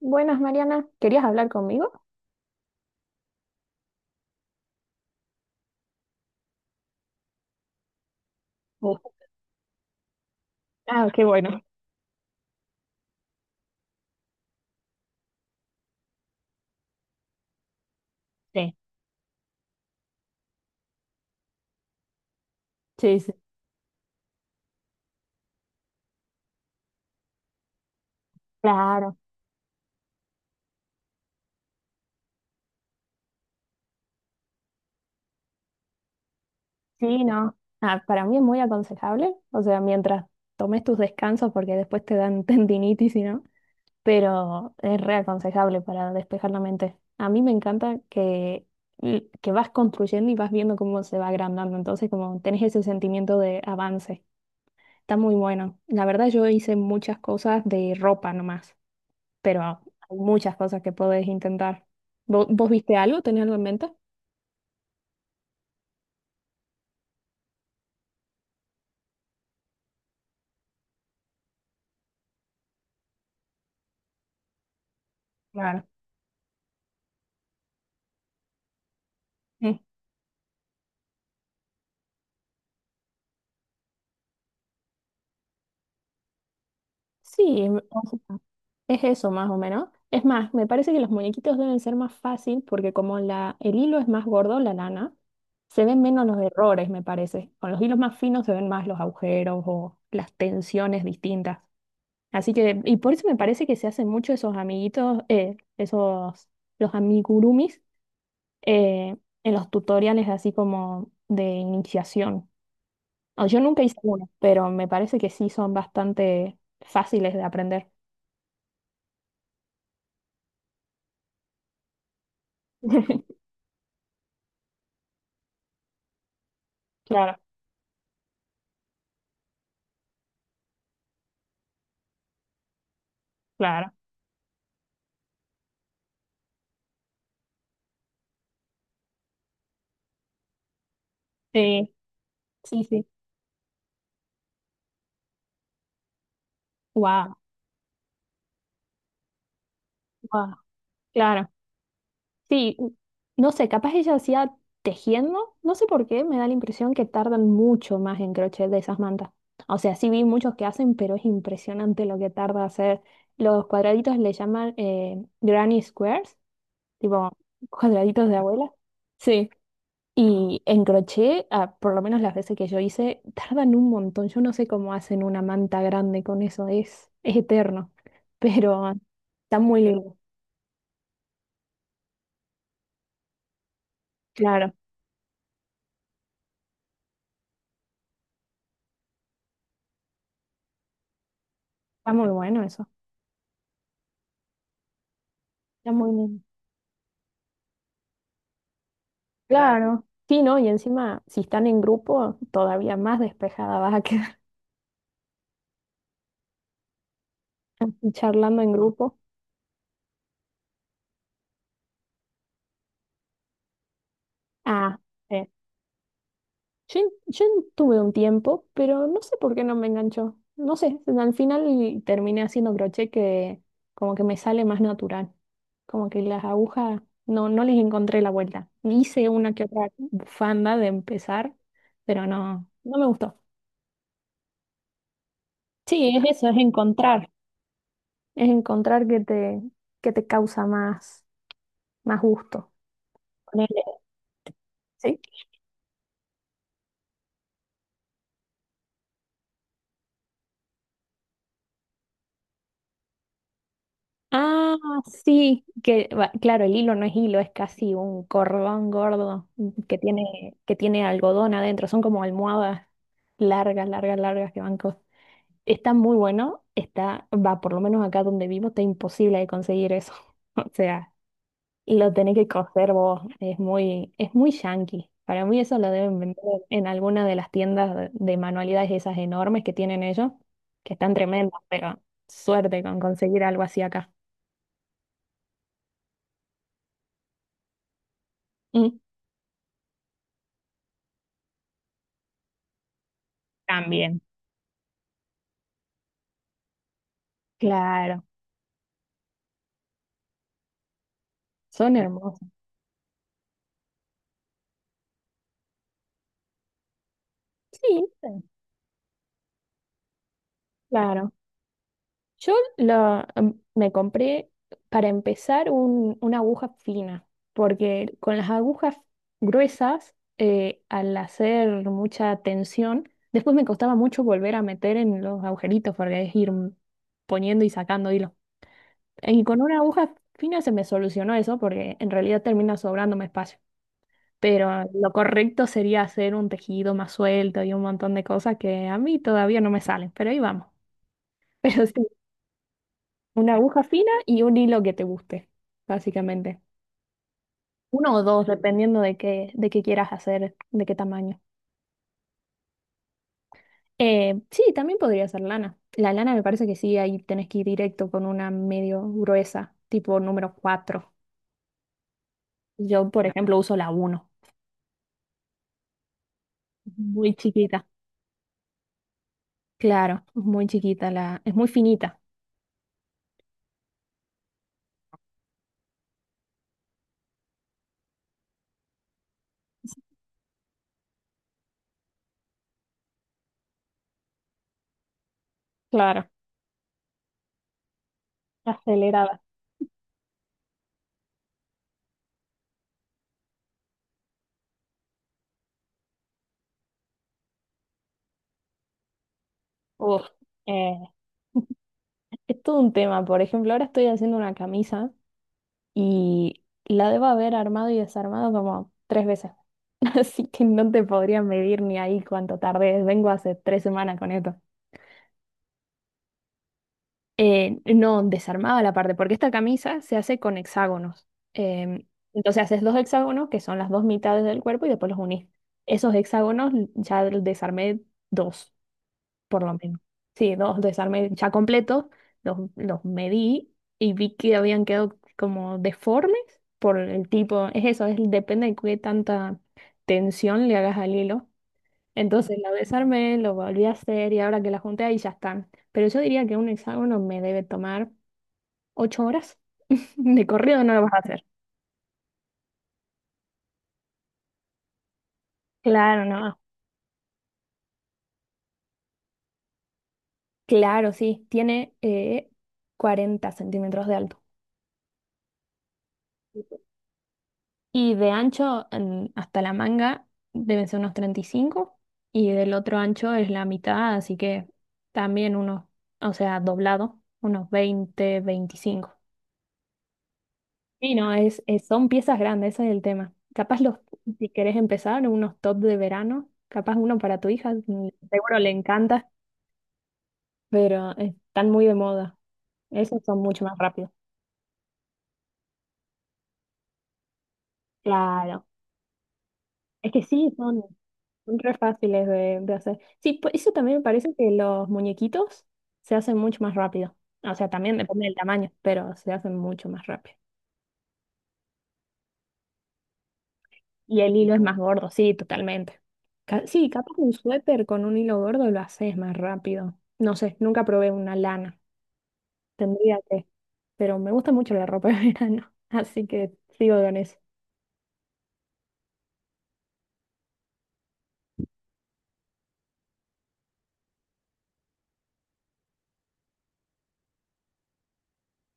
Buenas, Mariana. ¿Querías hablar conmigo? Oh, ah, qué bueno. Sí, sí, sí. Claro. Sí, no. Ah, para mí es muy aconsejable. O sea, mientras tomes tus descansos, porque después te dan tendinitis y no. Pero es re aconsejable para despejar la mente. A mí me encanta que vas construyendo y vas viendo cómo se va agrandando. Entonces, como tenés ese sentimiento de avance. Está muy bueno. La verdad, yo hice muchas cosas de ropa nomás, pero hay muchas cosas que podés intentar. ¿Vos, viste algo? ¿Tenés algo en mente? Claro. Mm. Sí, o sea, es eso más o menos. Es más, me parece que los muñequitos deben ser más fácil porque como el hilo es más gordo, la lana, se ven menos los errores, me parece. Con los hilos más finos se ven más los agujeros o las tensiones distintas. Así que, y por eso me parece que se hacen mucho esos amiguitos, esos, los amigurumis, eh, en los tutoriales así como de iniciación. O yo nunca hice uno, pero me parece que sí son bastante fáciles de aprender. Claro, claro. Sí, sí, sí. Wow, wow. Claro. Sí, no sé, capaz ella hacía tejiendo, no sé por qué, me da la impresión que tardan mucho más en crochet de esas mantas. O sea, sí vi muchos que hacen, pero es impresionante lo que tarda hacer. Los cuadraditos le llaman granny squares, tipo cuadraditos de abuela. Sí. Y en crochet, ah, por lo menos las veces que yo hice, tardan un montón. Yo no sé cómo hacen una manta grande con eso, es eterno. Pero está muy lindo. Claro, está muy bueno eso. Está muy lindo. Claro. Sí, ¿no? Y encima, si están en grupo, todavía más despejada vas a quedar charlando en grupo. Ah, sí. Yo tuve un tiempo, pero no sé por qué no me enganchó. No sé, al final terminé haciendo crochet que como que me sale más natural. Como que las agujas no, no les encontré la vuelta. Hice una que otra bufanda de empezar, pero no, no me gustó. Sí, es eso, es encontrar. Es encontrar que te causa más, más gusto. Ponele, ¿sí? Ah, sí, que va, claro, el hilo no es hilo, es casi un cordón gordo que tiene algodón adentro, son como almohadas largas, largas, largas que van co-. Está muy bueno, está, va, por lo menos acá donde vivo, está imposible de conseguir eso. O sea, lo tenés que coser vos, es muy yankee. Para mí eso lo deben vender en alguna de las tiendas de manualidades esas enormes que tienen ellos, que están tremendas, pero suerte con conseguir algo así acá. Mm, también. Claro, son hermosas. Sí, sí, claro. Me compré para empezar un- una aguja fina, porque con las agujas gruesas, al hacer mucha tensión, después me costaba mucho volver a meter en los agujeritos, porque es ir poniendo y sacando hilo. Y con una aguja fina se me solucionó eso, porque en realidad termina sobrándome espacio. Pero lo correcto sería hacer un tejido más suelto y un montón de cosas que a mí todavía no me salen, pero ahí vamos. Pero sí, una aguja fina y un hilo que te guste, básicamente. Uno o dos, dependiendo de qué quieras hacer, de qué tamaño. Sí, también podría ser lana. La lana me parece que sí, ahí tenés que ir directo con una medio gruesa, tipo n.º 4. Yo, por ejemplo, uso la uno. Muy chiquita. Claro, es muy chiquita la, es muy finita. Claro, acelerada. Uf, eh, es todo un tema. Por ejemplo, ahora estoy haciendo una camisa y la debo haber armado y desarmado como tres veces. Así que no te podría medir ni ahí cuánto tardé. Vengo hace 3 semanas con esto. No, desarmaba la parte, porque esta camisa se hace con hexágonos. Em, entonces haces dos hexágonos, que son las dos mitades del cuerpo, y después los unís. Esos hexágonos ya desarmé dos, por lo menos. Sí, dos desarmes ya completos, los medí y vi que habían quedado como deformes por el tipo, es eso, es, depende de qué tanta tensión le hagas al hilo. Entonces lo desarmé, lo volví a hacer y ahora que la junté ahí ya están. Pero yo diría que un hexágono me debe tomar 8 horas. De corrido no lo vas a hacer. Claro, no. Claro, sí. Tiene 40 centímetros de alto. Y de ancho en- hasta la manga deben ser unos 35 y del otro ancho es la mitad, así que también unos, o sea, doblado, unos 20, 25. Y no, son piezas grandes, ese es el tema. Capaz los, si querés empezar, unos top de verano, capaz uno para tu hija, seguro le encanta, pero están muy de moda. Esos son mucho más rápidos. Claro. Es que sí, son re fáciles de hacer. Sí, eso también me parece que los muñequitos se hacen mucho más rápido. O sea, también depende del tamaño, pero se hacen mucho más rápido. Y el hilo es más gordo, sí, totalmente. Sí, capaz un suéter con un hilo gordo lo haces más rápido. No sé, nunca probé una lana. Tendría que, pero me gusta mucho la ropa de verano, así que sigo con eso.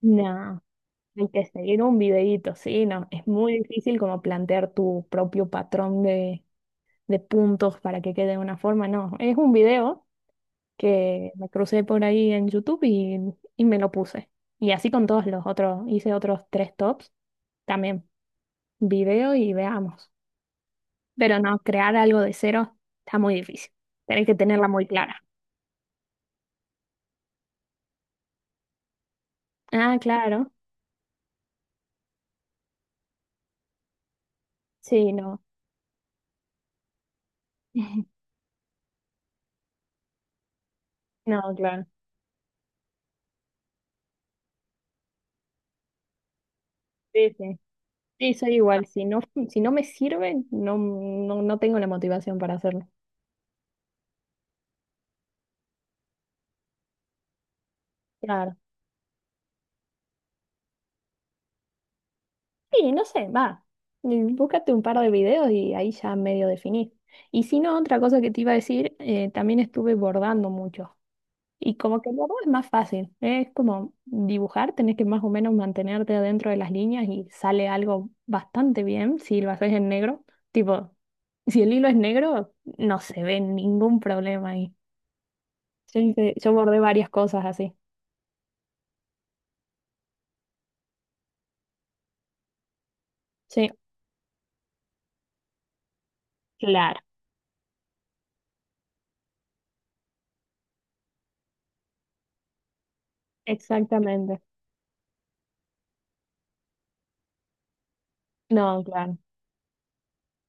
No, hay que seguir un videíto, sí, no. Es muy difícil como plantear tu propio patrón de puntos para que quede de una forma, no, es un video que me crucé por ahí en YouTube y me lo puse. Y así con todos los otros, hice otros tres tops, también video y veamos. Pero no, crear algo de cero está muy difícil. Tenés que tenerla muy clara. Ah, claro. Sí, no. No, claro. Sí, sí. Sí, soy igual. Si no, si no, me sirve, no, no, no tengo la motivación para hacerlo. Claro. Sí, no sé, va. Mm. Búscate un par de videos y ahí ya medio definís. Y si no, otra cosa que te iba a decir, también estuve bordando mucho. Y como que el bordo es más fácil, ¿eh? Es como dibujar, tenés que más o menos mantenerte adentro de las líneas y sale algo bastante bien si lo haces en negro. Tipo, si el hilo es negro, no se ve ningún problema ahí. Yo bordé varias cosas así. Sí, claro, exactamente. No, claro.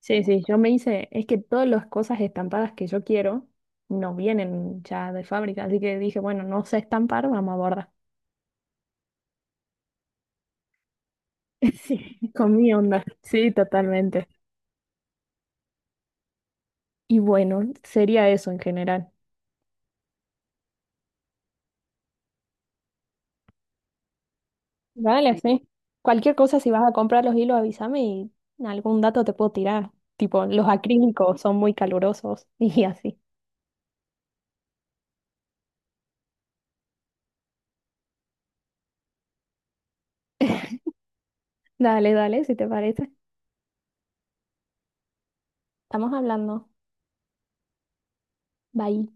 Sí, sí, yo me hice, es que todas las cosas estampadas que yo quiero no vienen ya de fábrica, así que dije, bueno, no sé estampar, vamos a bordar. Sí. Con mi onda. Sí, totalmente. Y bueno, sería eso en general. Dale, sí. Cualquier cosa, si vas a comprar los hilos, avísame y algún dato te puedo tirar. Tipo, los acrílicos son muy calurosos y así. Dale, dale, si te parece. Estamos hablando. Bye.